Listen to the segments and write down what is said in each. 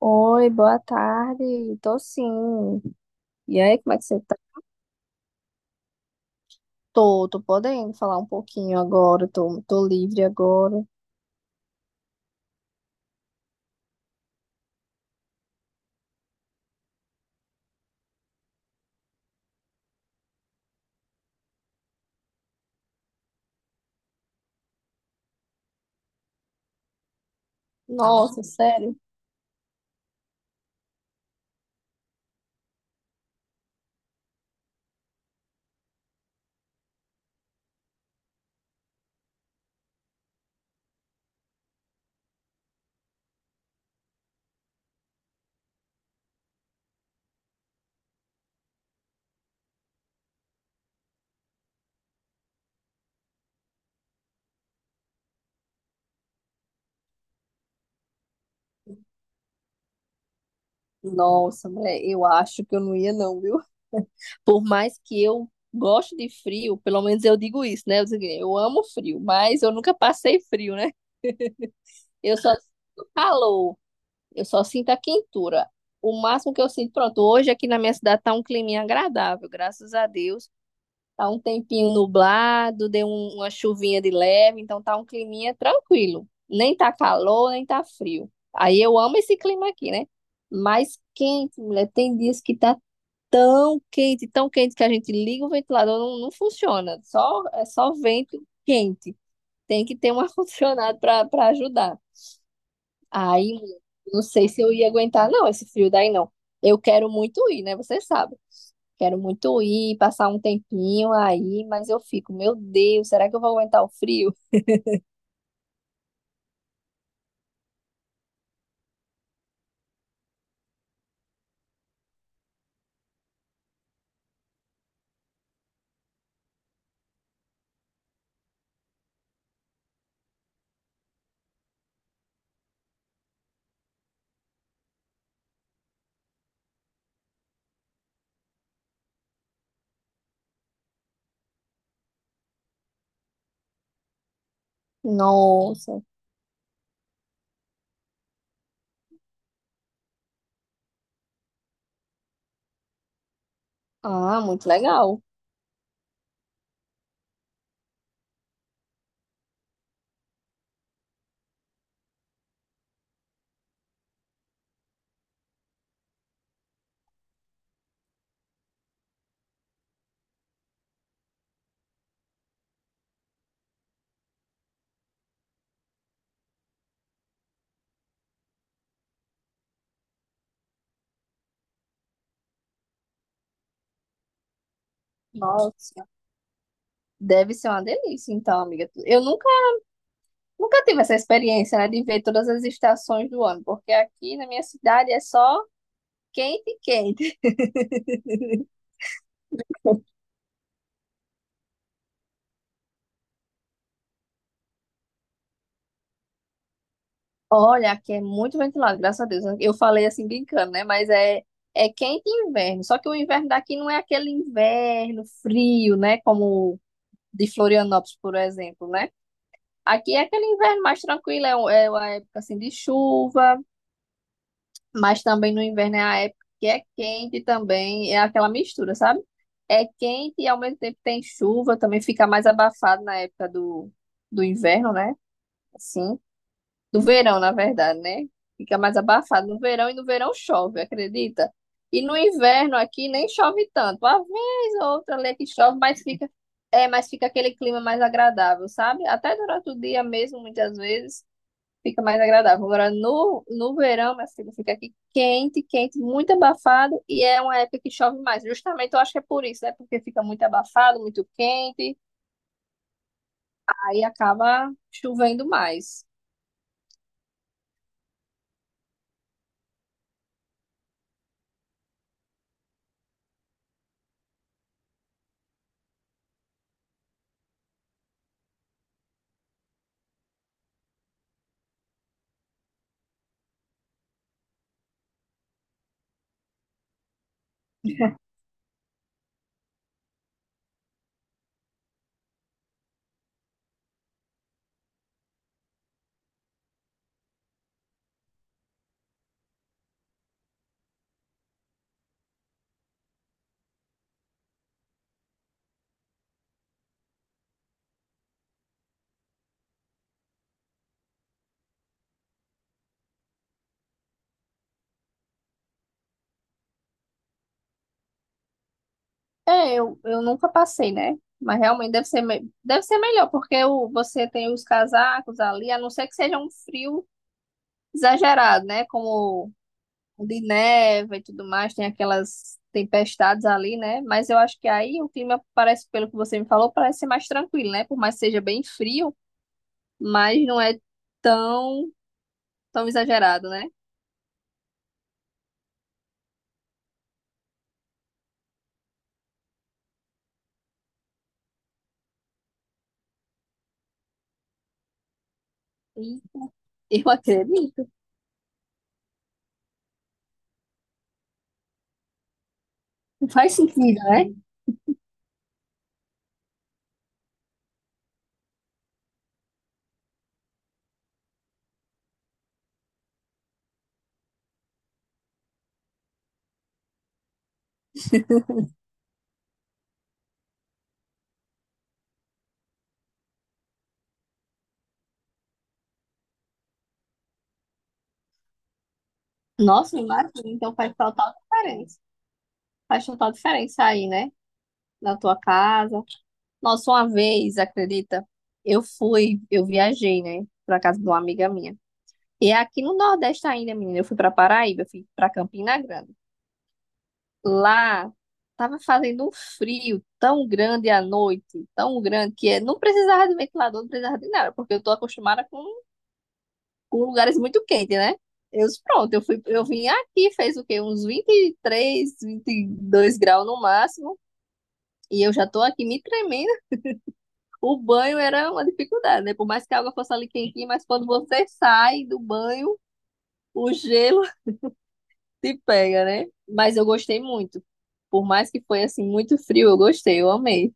Oi, boa tarde. Tô sim. E aí, como é que você tá? Tô podendo falar um pouquinho agora. Tô livre agora. Nossa, sério? Nossa, mulher, eu acho que eu não ia não, viu? Por mais que eu goste de frio, pelo menos eu digo isso, né? Eu, digo, eu amo frio, mas eu nunca passei frio, né? Eu só sinto calor, eu só sinto a quentura. O máximo que eu sinto, pronto, hoje aqui na minha cidade tá um climinha agradável, graças a Deus. Tá um tempinho nublado, deu uma chuvinha de leve, então tá um climinha tranquilo. Nem tá calor, nem tá frio. Aí eu amo esse clima aqui, né? Mas quente, mulher, tem dias que tá tão quente que a gente liga o ventilador, não, não funciona. É só vento quente. Tem que ter um ar-condicionado pra ajudar. Aí, mulher, não sei se eu ia aguentar, não, esse frio daí não. Eu quero muito ir, né? Você sabe. Quero muito ir, passar um tempinho aí, mas eu fico, meu Deus, será que eu vou aguentar o frio? Nossa. Ah, muito legal. Nossa. Deve ser uma delícia, então, amiga. Eu nunca, nunca tive essa experiência, né, de ver todas as estações do ano, porque aqui na minha cidade é só quente e quente. Olha, aqui é muito ventilado, graças a Deus. Eu falei assim brincando, né, mas é quente e inverno. Só que o inverno daqui não é aquele inverno frio, né, como de Florianópolis, por exemplo, né? Aqui é aquele inverno mais tranquilo, é, é uma época assim de chuva, mas também no inverno é a época que é quente também, é aquela mistura, sabe? É quente e ao mesmo tempo tem chuva, também fica mais abafado na época do inverno, né? Assim, do verão, na verdade, né? Fica mais abafado no verão e no verão chove, acredita? E no inverno aqui nem chove tanto, uma vez ou outra ali é que chove, mas fica aquele clima mais agradável, sabe? Até durante o dia mesmo, muitas vezes fica mais agradável. Agora, no verão, minha filha, fica aqui quente, quente, muito abafado, e é uma época que chove mais. Justamente, eu acho que é por isso, né? Porque fica muito abafado, muito quente, aí acaba chovendo mais. É, eu nunca passei, né? Mas realmente deve ser, deve ser melhor, porque você tem os casacos ali, a não ser que seja um frio exagerado, né? Como onde neva e tudo mais, tem aquelas tempestades ali, né? Mas eu acho que aí o clima parece, pelo que você me falou, parece ser mais tranquilo, né? Por mais que seja bem frio, mas não é tão, tão exagerado, né? E eu acredito. Faz sentido, né? Nossa, imagina, então faz total diferença. Faz total diferença aí, né? Na tua casa. Nossa, uma vez, acredita? Eu fui, eu viajei, né? Pra casa de uma amiga minha. E é aqui no Nordeste ainda, menina, eu fui pra Paraíba, eu fui pra Campina Grande. Lá tava fazendo um frio tão grande à noite, tão grande, que não precisava de ventilador, não precisava de nada, porque eu tô acostumada com lugares muito quentes, né? Eu disse, pronto, eu fui, eu vim aqui, fez o quê? Uns 23, 22 graus no máximo, e eu já tô aqui me tremendo. O banho era uma dificuldade, né? Por mais que a água fosse ali quentinha, mas quando você sai do banho, o gelo se pega, né? Mas eu gostei muito. Por mais que foi assim muito frio, eu gostei, eu amei.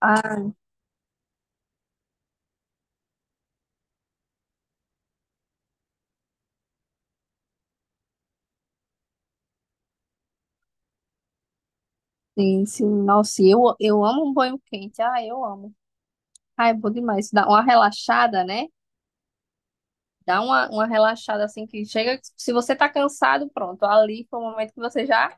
Ah, sim, sim. Nossa, eu amo um banho quente. Ah, eu amo. Ah, é bom demais. Dá uma relaxada, né? Dá uma relaxada assim que chega. Se você tá cansado, pronto. Ali foi o momento que você já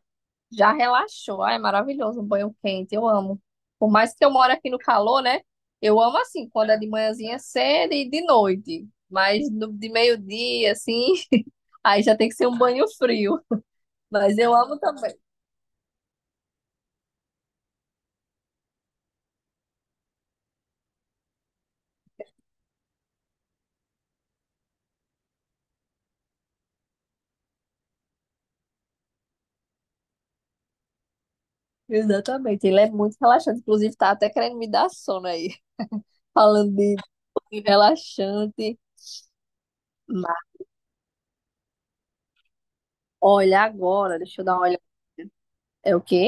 já relaxou. Ah, é maravilhoso um banho quente. Eu amo. Por mais que eu moro aqui no calor, né? Eu amo assim, quando é de manhãzinha cedo e de noite. Mas de meio-dia, assim, aí já tem que ser um banho frio. Mas eu amo também. Exatamente. Ele é muito relaxante. Inclusive, tá até querendo me dar sono aí. Falando de banho relaxante. Mas olha agora, deixa eu dar uma olhada. É o quê?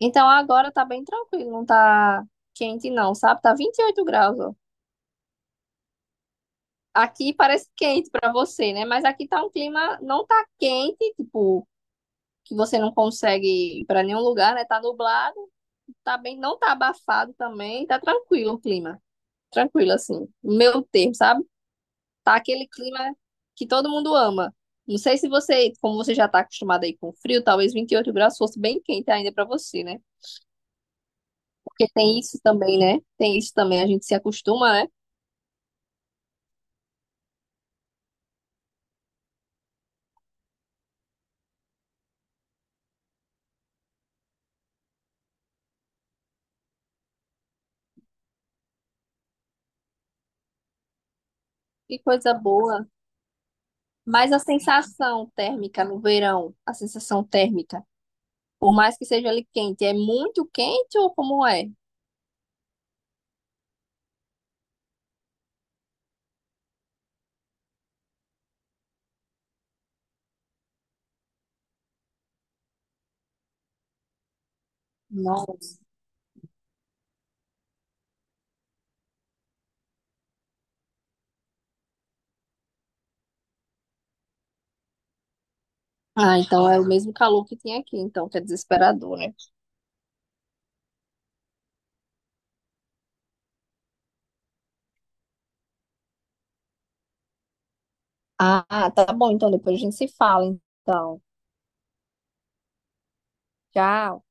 Então agora tá bem tranquilo, não tá quente não, sabe? Tá 28 graus, ó. Aqui parece quente para você, né? Mas aqui tá um clima, não tá quente, tipo, que você não consegue ir para nenhum lugar, né? Tá nublado, tá bem, não tá abafado também, tá tranquilo o clima. Tranquilo, assim, meu termo, sabe? Tá aquele clima que todo mundo ama. Não sei se você, como você já tá acostumado aí com frio, talvez 28 graus fosse bem quente ainda para você, né? Porque tem isso também, né? Tem isso também, a gente se acostuma, né? Que coisa boa. Mas a sensação térmica no verão, a sensação térmica por mais que seja ali quente, é muito quente ou como é? Não. Ah, então é o mesmo calor que tinha aqui, então, que é desesperador, né? Ah, tá bom, então depois a gente se fala, então. Tchau.